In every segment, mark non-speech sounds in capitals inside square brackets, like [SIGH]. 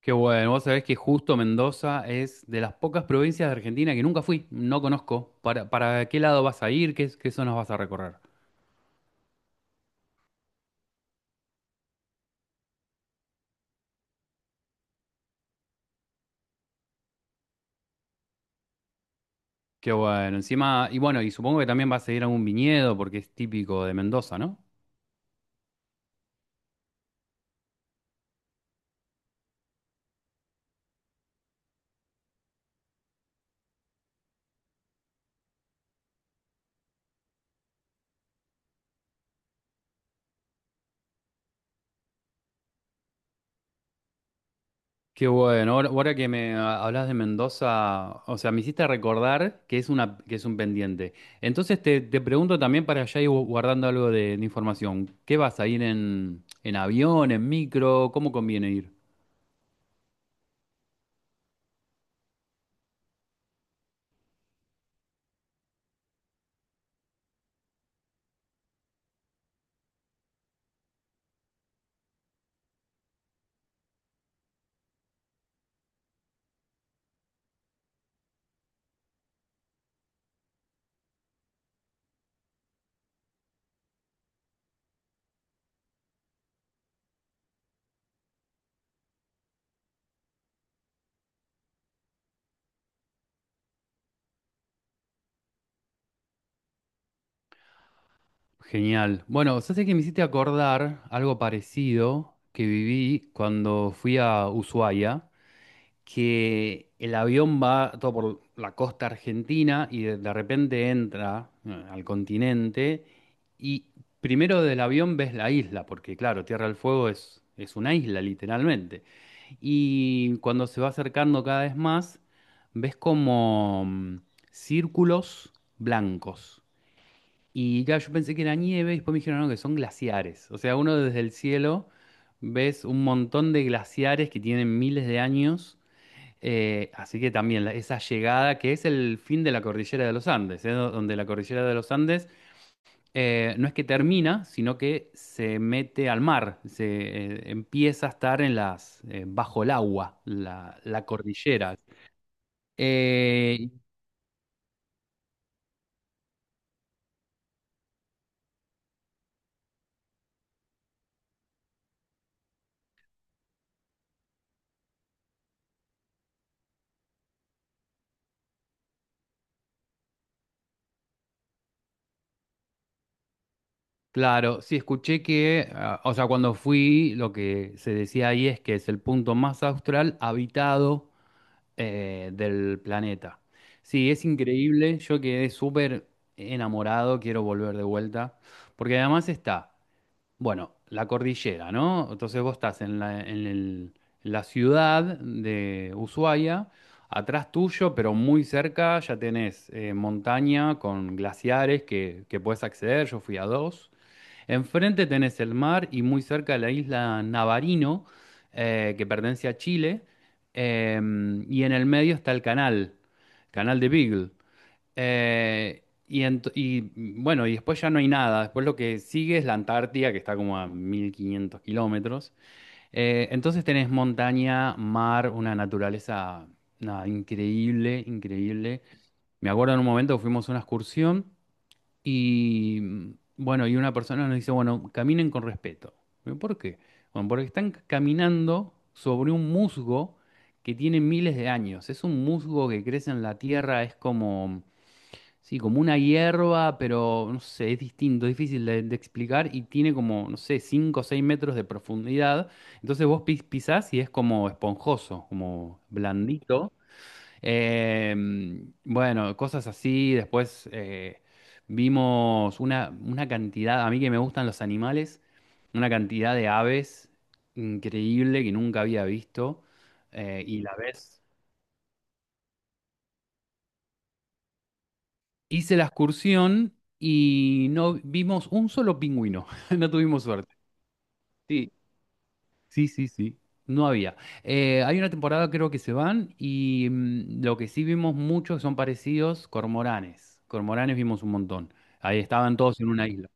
Qué bueno, vos sabés que justo Mendoza es de las pocas provincias de Argentina que nunca fui, no conozco. ¿Para qué lado vas a ir? ¿Qué zonas vas a recorrer? Qué bueno, encima, y bueno, y supongo que también vas a ir a un viñedo porque es típico de Mendoza, ¿no? Qué bueno, ahora que me hablas de Mendoza, o sea, me hiciste recordar que que es un pendiente. Entonces te pregunto también para allá ir guardando algo de información. ¿Qué vas a ir en avión, en micro? ¿Cómo conviene ir? Genial. Bueno, sé que me hiciste acordar algo parecido que viví cuando fui a Ushuaia, que el avión va todo por la costa argentina y de repente entra al continente y primero del avión ves la isla, porque claro, Tierra del Fuego es una isla literalmente. Y cuando se va acercando cada vez más, ves como círculos blancos y claro, yo pensé que era nieve y después me dijeron, no, que son glaciares. O sea, uno desde el cielo ves un montón de glaciares que tienen miles de años. Así que también esa llegada que es el fin de la cordillera de los Andes, donde la cordillera de los Andes no es que termina, sino que se mete al mar, se empieza a estar en las, bajo el agua, la cordillera. Eh, Claro, sí, escuché que, o sea, cuando fui, lo que se decía ahí es que es el punto más austral habitado del planeta. Sí, es increíble, yo quedé súper enamorado, quiero volver de vuelta, porque además está, bueno, la cordillera, ¿no? Entonces vos estás en en la ciudad de Ushuaia, atrás tuyo, pero muy cerca ya tenés montaña con glaciares que puedes acceder, yo fui a dos. Enfrente tenés el mar y muy cerca la isla Navarino, que pertenece a Chile, y en el medio está canal de Beagle. Bueno, y después ya no hay nada, después lo que sigue es la Antártida, que está como a 1500 kilómetros. Entonces tenés montaña, mar, una naturaleza nada, increíble, increíble. Me acuerdo en un momento que fuimos a una excursión. Y bueno, y una persona nos dice, bueno, caminen con respeto. ¿Por qué? Bueno, porque están caminando sobre un musgo que tiene miles de años. Es un musgo que crece en la tierra, es como, sí, como una hierba, pero no sé, es distinto, difícil de explicar y tiene como, no sé, 5 o 6 metros de profundidad. Entonces vos pisás y es como esponjoso, como blandito. Eh, bueno, cosas así. Después vimos una cantidad, a mí que me gustan los animales, una cantidad de aves increíble que nunca había visto. Y la vez hice la excursión y no vimos un solo pingüino. [LAUGHS] No tuvimos suerte. Sí, sí, sí, sí. No había. Hay una temporada creo que se van y lo que sí vimos muchos son parecidos, cormoranes. Cormoranes vimos un montón. Ahí estaban todos en una isla.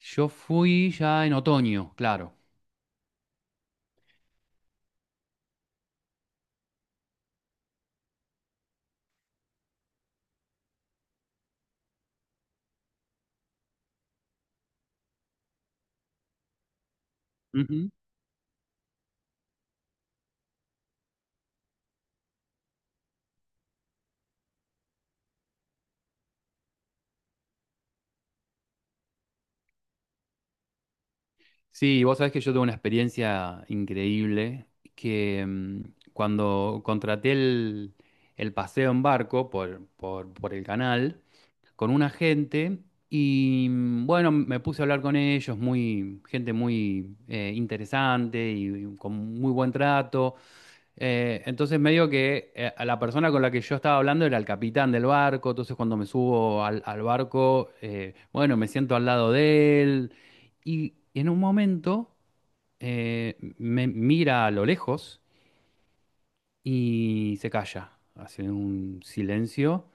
Yo fui ya en otoño, claro. Ujú. Sí, vos sabés que yo tuve una experiencia increíble que cuando contraté el paseo en barco por el canal, con una gente y bueno, me puse a hablar con ellos, muy, gente muy interesante y con muy buen trato. Entonces medio que a la persona con la que yo estaba hablando era el capitán del barco, entonces cuando me subo al barco, bueno, me siento al lado de él y en un momento me mira a lo lejos y se calla, hace un silencio.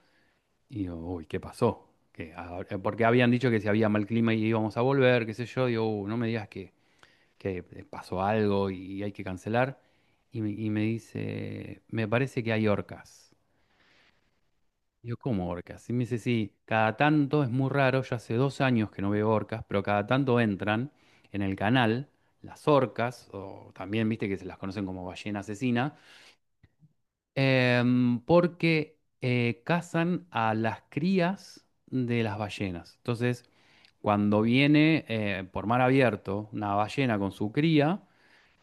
Y digo, uy, ¿qué pasó? Porque habían dicho que si había mal clima y íbamos a volver, qué sé yo, digo, no me digas que pasó algo y hay que cancelar". Y me dice, me parece que hay orcas. Digo, ¿cómo orcas? Y me dice, sí, cada tanto es muy raro, ya hace dos años que no veo orcas, pero cada tanto entran en el canal las orcas, o también viste que se las conocen como ballena asesina. Porque cazan a las crías de las ballenas. Entonces, cuando viene por mar abierto una ballena con su cría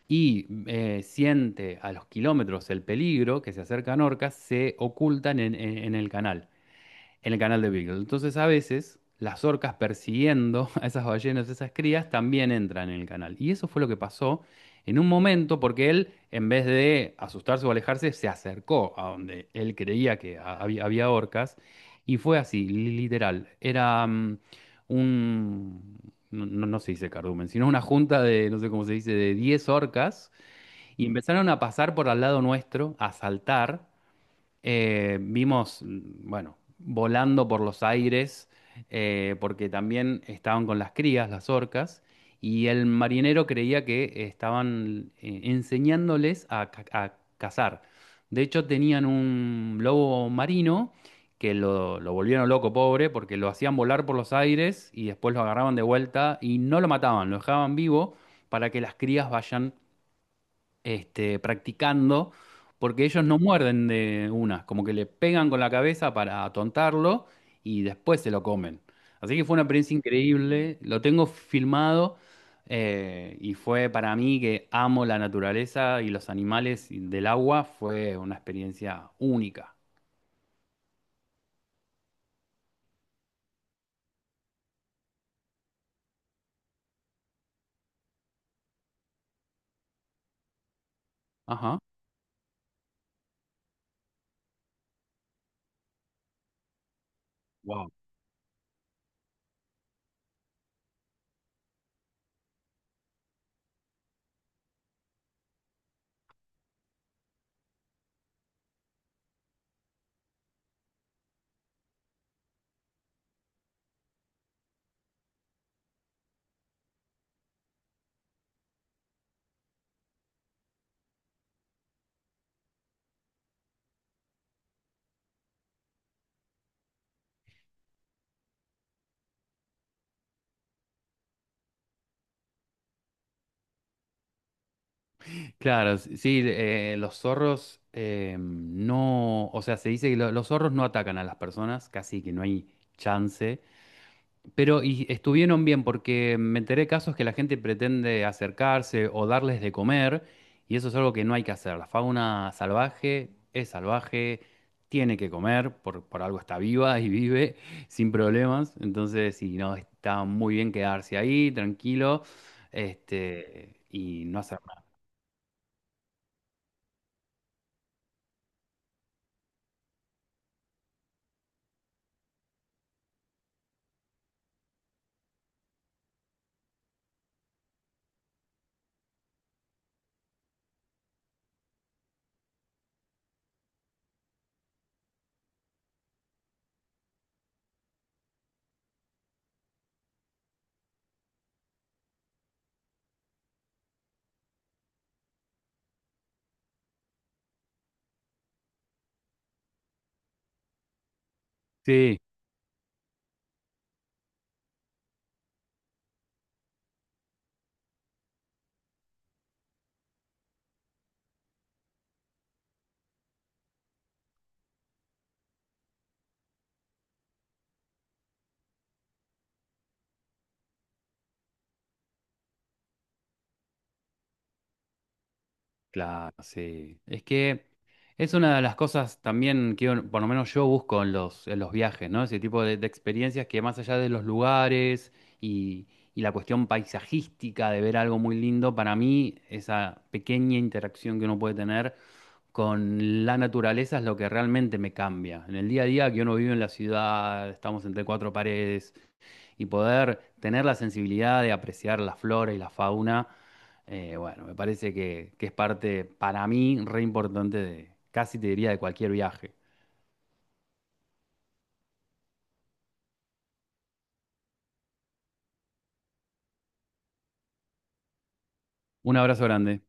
y siente a los kilómetros el peligro que se acercan orcas, se ocultan en el canal, de Beagle. Entonces, a veces, las orcas persiguiendo [LAUGHS] a esas ballenas, esas crías, también entran en el canal. Y eso fue lo que pasó en un momento, porque él, en vez de asustarse o alejarse, se acercó a donde él creía que había orcas. Y fue así, literal. Era un... No, no se dice cardumen, sino una junta de, no sé cómo se dice, de 10 orcas, y empezaron a pasar por al lado nuestro, a saltar, eh, vimos, mm, bueno, volando por los aires, porque también estaban con las crías, las orcas, y el marinero creía que estaban enseñándoles a, a cazar. De hecho, tenían un lobo marino que lo volvieron loco, pobre, porque lo hacían volar por los aires y después lo agarraban de vuelta y no lo mataban, lo dejaban vivo para que las crías vayan este, practicando, porque ellos no muerden de una, como que le pegan con la cabeza para atontarlo y después se lo comen. Así que fue una experiencia increíble, lo tengo filmado y fue para mí que amo la naturaleza y los animales y del agua, fue una experiencia única. Ajá. Wow. Claro, sí, los zorros no, o sea, se dice que los zorros no atacan a las personas, casi que no hay chance. Pero y estuvieron bien porque me enteré de casos que la gente pretende acercarse o darles de comer y eso es algo que no hay que hacer. La fauna salvaje es salvaje, tiene que comer, por algo está viva y vive [LAUGHS] sin problemas. Entonces, sí, no, está muy bien quedarse ahí, tranquilo, este, y no hacer nada. Sí. Claro, sí. Es que es una de las cosas también que uno- por lo menos yo busco en en los viajes, ¿no? Ese tipo de experiencias que más allá de los lugares y, y la cuestión paisajística de ver algo muy lindo, para mí esa pequeña interacción que uno puede tener con la naturaleza es lo que realmente me cambia. En el día a día que uno vive en la ciudad, estamos entre cuatro paredes, y poder tener la sensibilidad de apreciar la flora y la fauna, bueno, me parece que es parte para mí re importante de, casi te diría, de cualquier viaje. Un abrazo grande.